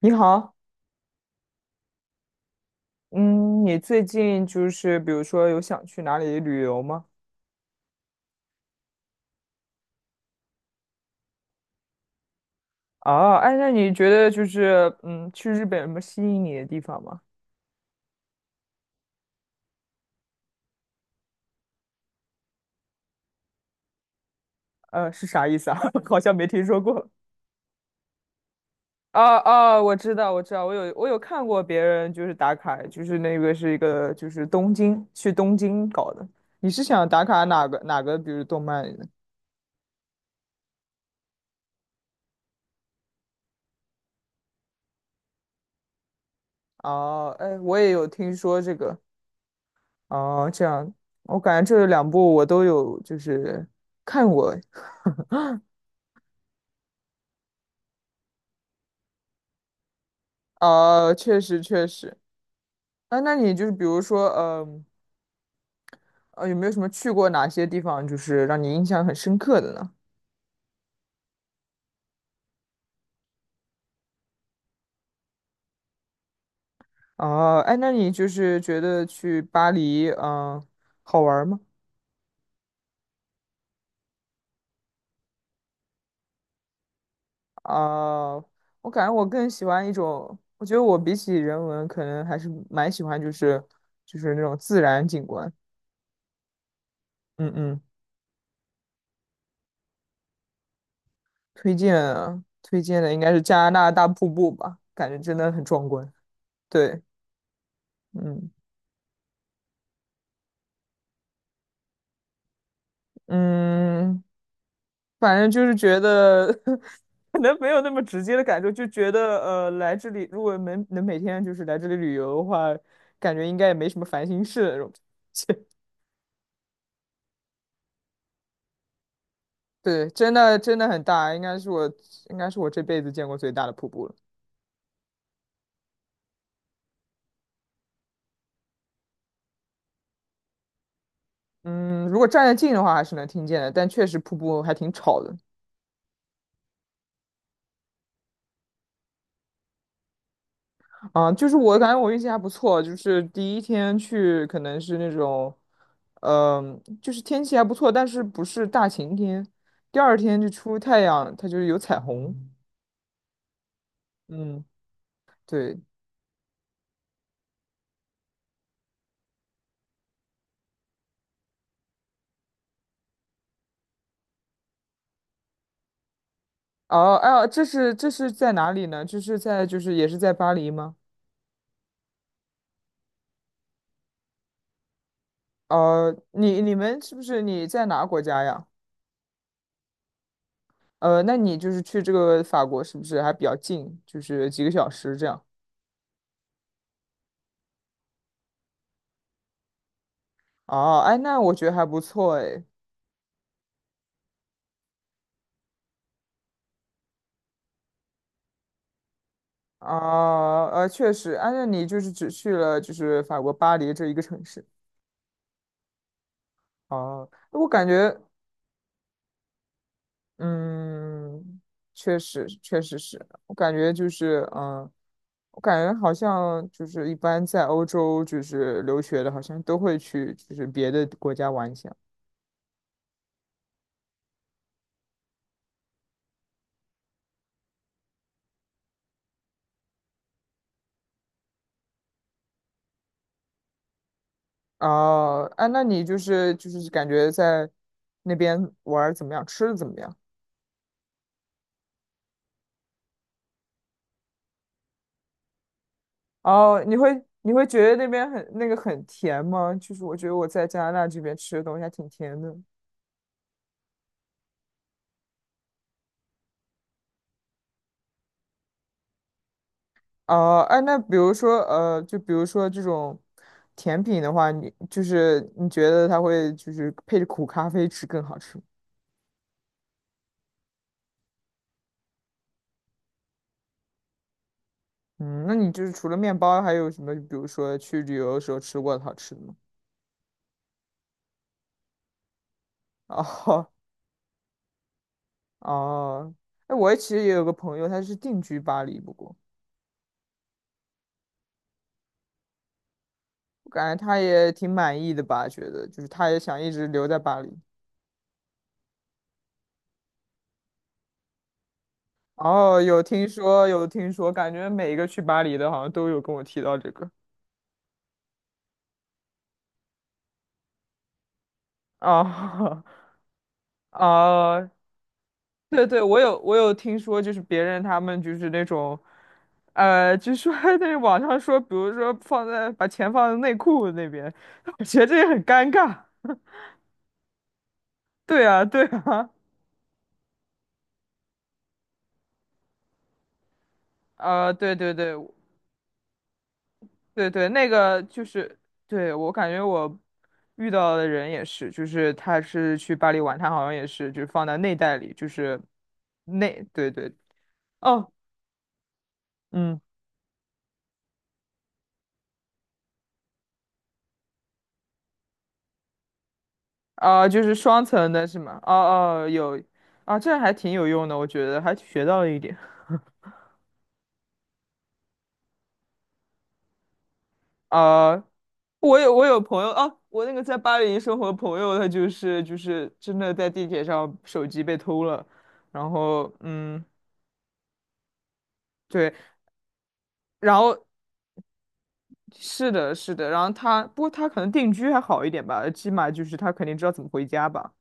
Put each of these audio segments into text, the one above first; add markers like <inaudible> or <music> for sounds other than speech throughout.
你好，嗯，你最近就是比如说有想去哪里旅游吗？啊，哎，那你觉得就是去日本有什么吸引你的地方吗？是啥意思啊？<laughs> 好像没听说过。哦哦，我知道，我知道，我有看过别人就是打卡，就是那个是一个就是东京去东京搞的。你是想打卡哪个，比如动漫里的？哦，哎，我也有听说这个。哦，这样，我感觉这两部我都有就是看过，确实。啊，那你就是比如说，有没有什么去过哪些地方，就是让你印象很深刻的呢？哦，哎，那你就是觉得去巴黎，嗯、好玩儿吗？啊、我感觉我更喜欢一种，我觉得我比起人文，可能还是蛮喜欢，就是那种自然景观。嗯嗯，推荐啊推荐的应该是加拿大大瀑布吧，感觉真的很壮观。对，嗯嗯。反正就是觉得 <laughs> 可能没有那么直接的感受，就觉得来这里如果能每天就是来这里旅游的话，感觉应该也没什么烦心事那种。<laughs> 对，真的很大，应该是我这辈子见过最大的瀑布了。嗯，如果站得近的话还是能听见的，但确实瀑布还挺吵的。啊，就是我感觉我运气还不错，就是第一天去可能是那种，嗯、就是天气还不错，但是不是大晴天。第二天就出太阳，它就是有彩虹。嗯，对。哦，哎呀，这是在哪里呢？这是在就是也是在巴黎吗？你们是不是你在哪个国家呀？那你就是去这个法国是不是还比较近？就是几个小时这样。哦，哎，那我觉得还不错哎。啊，确实，按照你就是只去了就是法国巴黎这一个城市哦。我感觉，嗯，确实，确实是，我感觉就是，嗯，我感觉好像就是一般在欧洲就是留学的，好像都会去就是别的国家玩一下哦，啊，那你就是就是感觉在那边玩儿怎么样，吃的怎么样？哦，你会觉得那边很那个很甜吗？就是我觉得我在加拿大这边吃的东西还挺甜的。哦，哎，那比如说就比如说这种甜品的话，你就是你觉得它会就是配着苦咖啡吃更好吃吗嗯，那你就是除了面包，还有什么？比如说去旅游的时候吃过的好吃的吗？哦 <laughs> 哦，哎，我其实也有个朋友，他是定居巴黎，不过我感觉他也挺满意的吧，觉得就是他也想一直留在巴黎。哦，有听说，有听说，感觉每一个去巴黎的，好像都有跟我提到这个。啊 <laughs> 啊，对对，我有听说，就是别人他们就是那种，就说 <laughs> 那网上说，比如说放在把钱放在内裤那边，<laughs> 我觉得这也很尴尬。对啊，对啊，<laughs> 啊，对对对，对对，那个就是，对，我感觉我遇到的人也是，就是他是去巴黎玩，他好像也是，就是放在内袋里，就是内，对对，哦，嗯，啊、就是双层的是吗？哦哦，有，啊，这还挺有用的，我觉得还学到了一点。啊、我有朋友啊，我那个在巴黎生活的朋友，他就是真的在地铁上手机被偷了，然后对。然后是的，是的，然后他，不过他可能定居还好一点吧，起码就是他肯定知道怎么回家吧。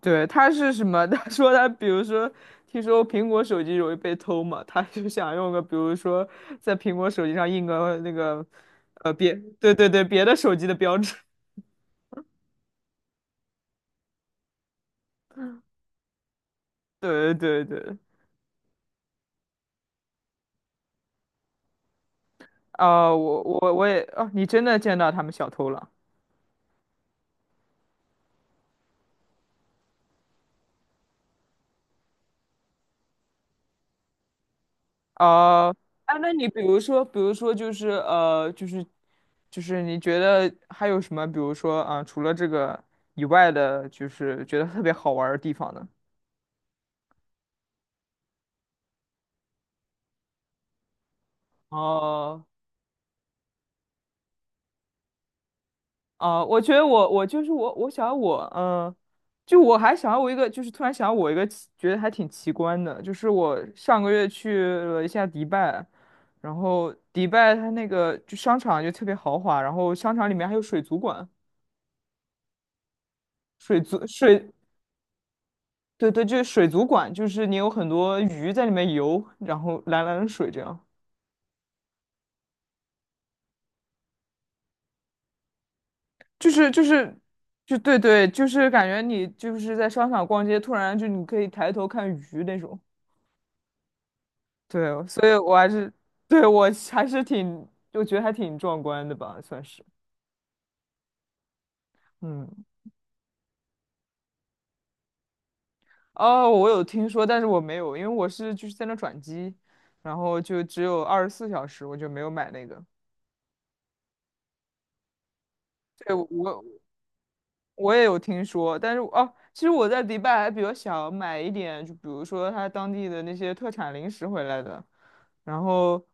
对，他是什么？<laughs> 他说他，比如说，听说苹果手机容易被偷嘛，他就想用个，比如说，在苹果手机上印个那个，呃，别，对对对，别的手机的标志。<laughs> 对对对，啊、我也，哦、你真的见到他们小偷了。哦，哎，那你比如说，比如说，就是你觉得还有什么，比如说啊、除了这个以外的，就是觉得特别好玩儿的地方呢？哦哦，我想我就我还想我一个，就是突然想我一个奇，觉得还挺奇观的，就是我上个月去了一下迪拜，然后迪拜它那个就商场就特别豪华，然后商场里面还有水族馆。水族水对对，就是水族馆，就是你有很多鱼在里面游，然后蓝蓝的水这样，就是就是就对对，就是感觉你就是在商场逛街，突然就你可以抬头看鱼那种。对，所以我还是对我还是挺，我觉得还挺壮观的吧，算是。嗯，哦，我有听说，但是我没有，因为我是就是在那转机，然后就只有24小时，我就没有买那个。对，我也有听说，但是哦，其实我在迪拜还比较想买一点，就比如说他当地的那些特产零食回来的，然后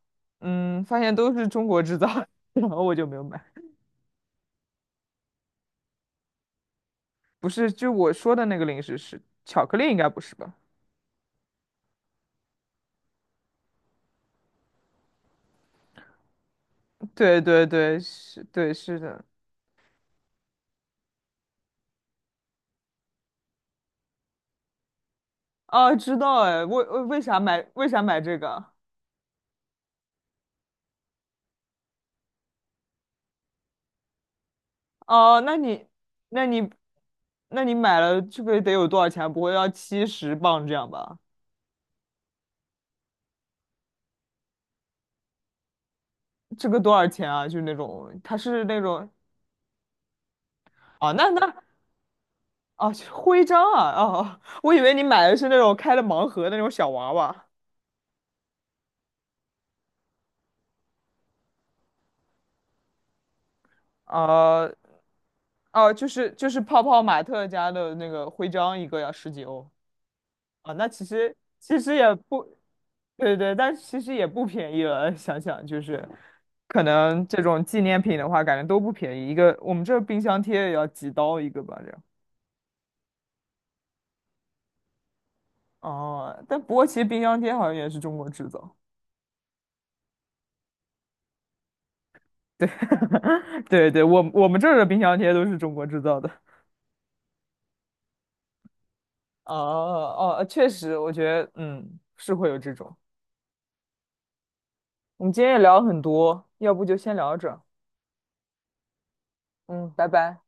发现都是中国制造的 <laughs> 然后我就没有买。不是，就我说的那个零食是巧克力，应该不是吧？对对对，是，对是的。哦，知道哎，为啥买为啥买这个？哦，那你那你买了，这个得有多少钱？不会要70磅这样吧？这个多少钱啊？就是那种，它是那种，啊，那那啊徽章啊，哦，我以为你买的是那种开了盲盒的那种小娃娃，啊哦，就是就是泡泡玛特家的那个徽章，一个要十几欧，啊、那其实其实也不，对对，但是其实也不便宜了，想想就是，可能这种纪念品的话，感觉都不便宜，一个我们这冰箱贴也要几刀一个吧，这样。哦，但不过其实冰箱贴好像也是中国制造。<laughs> 对对，我们这儿的冰箱贴都是中国制造的。<laughs> 哦哦，确实，我觉得嗯是会有这种。我们今天也聊了很多，要不就先聊到这儿。嗯，拜拜。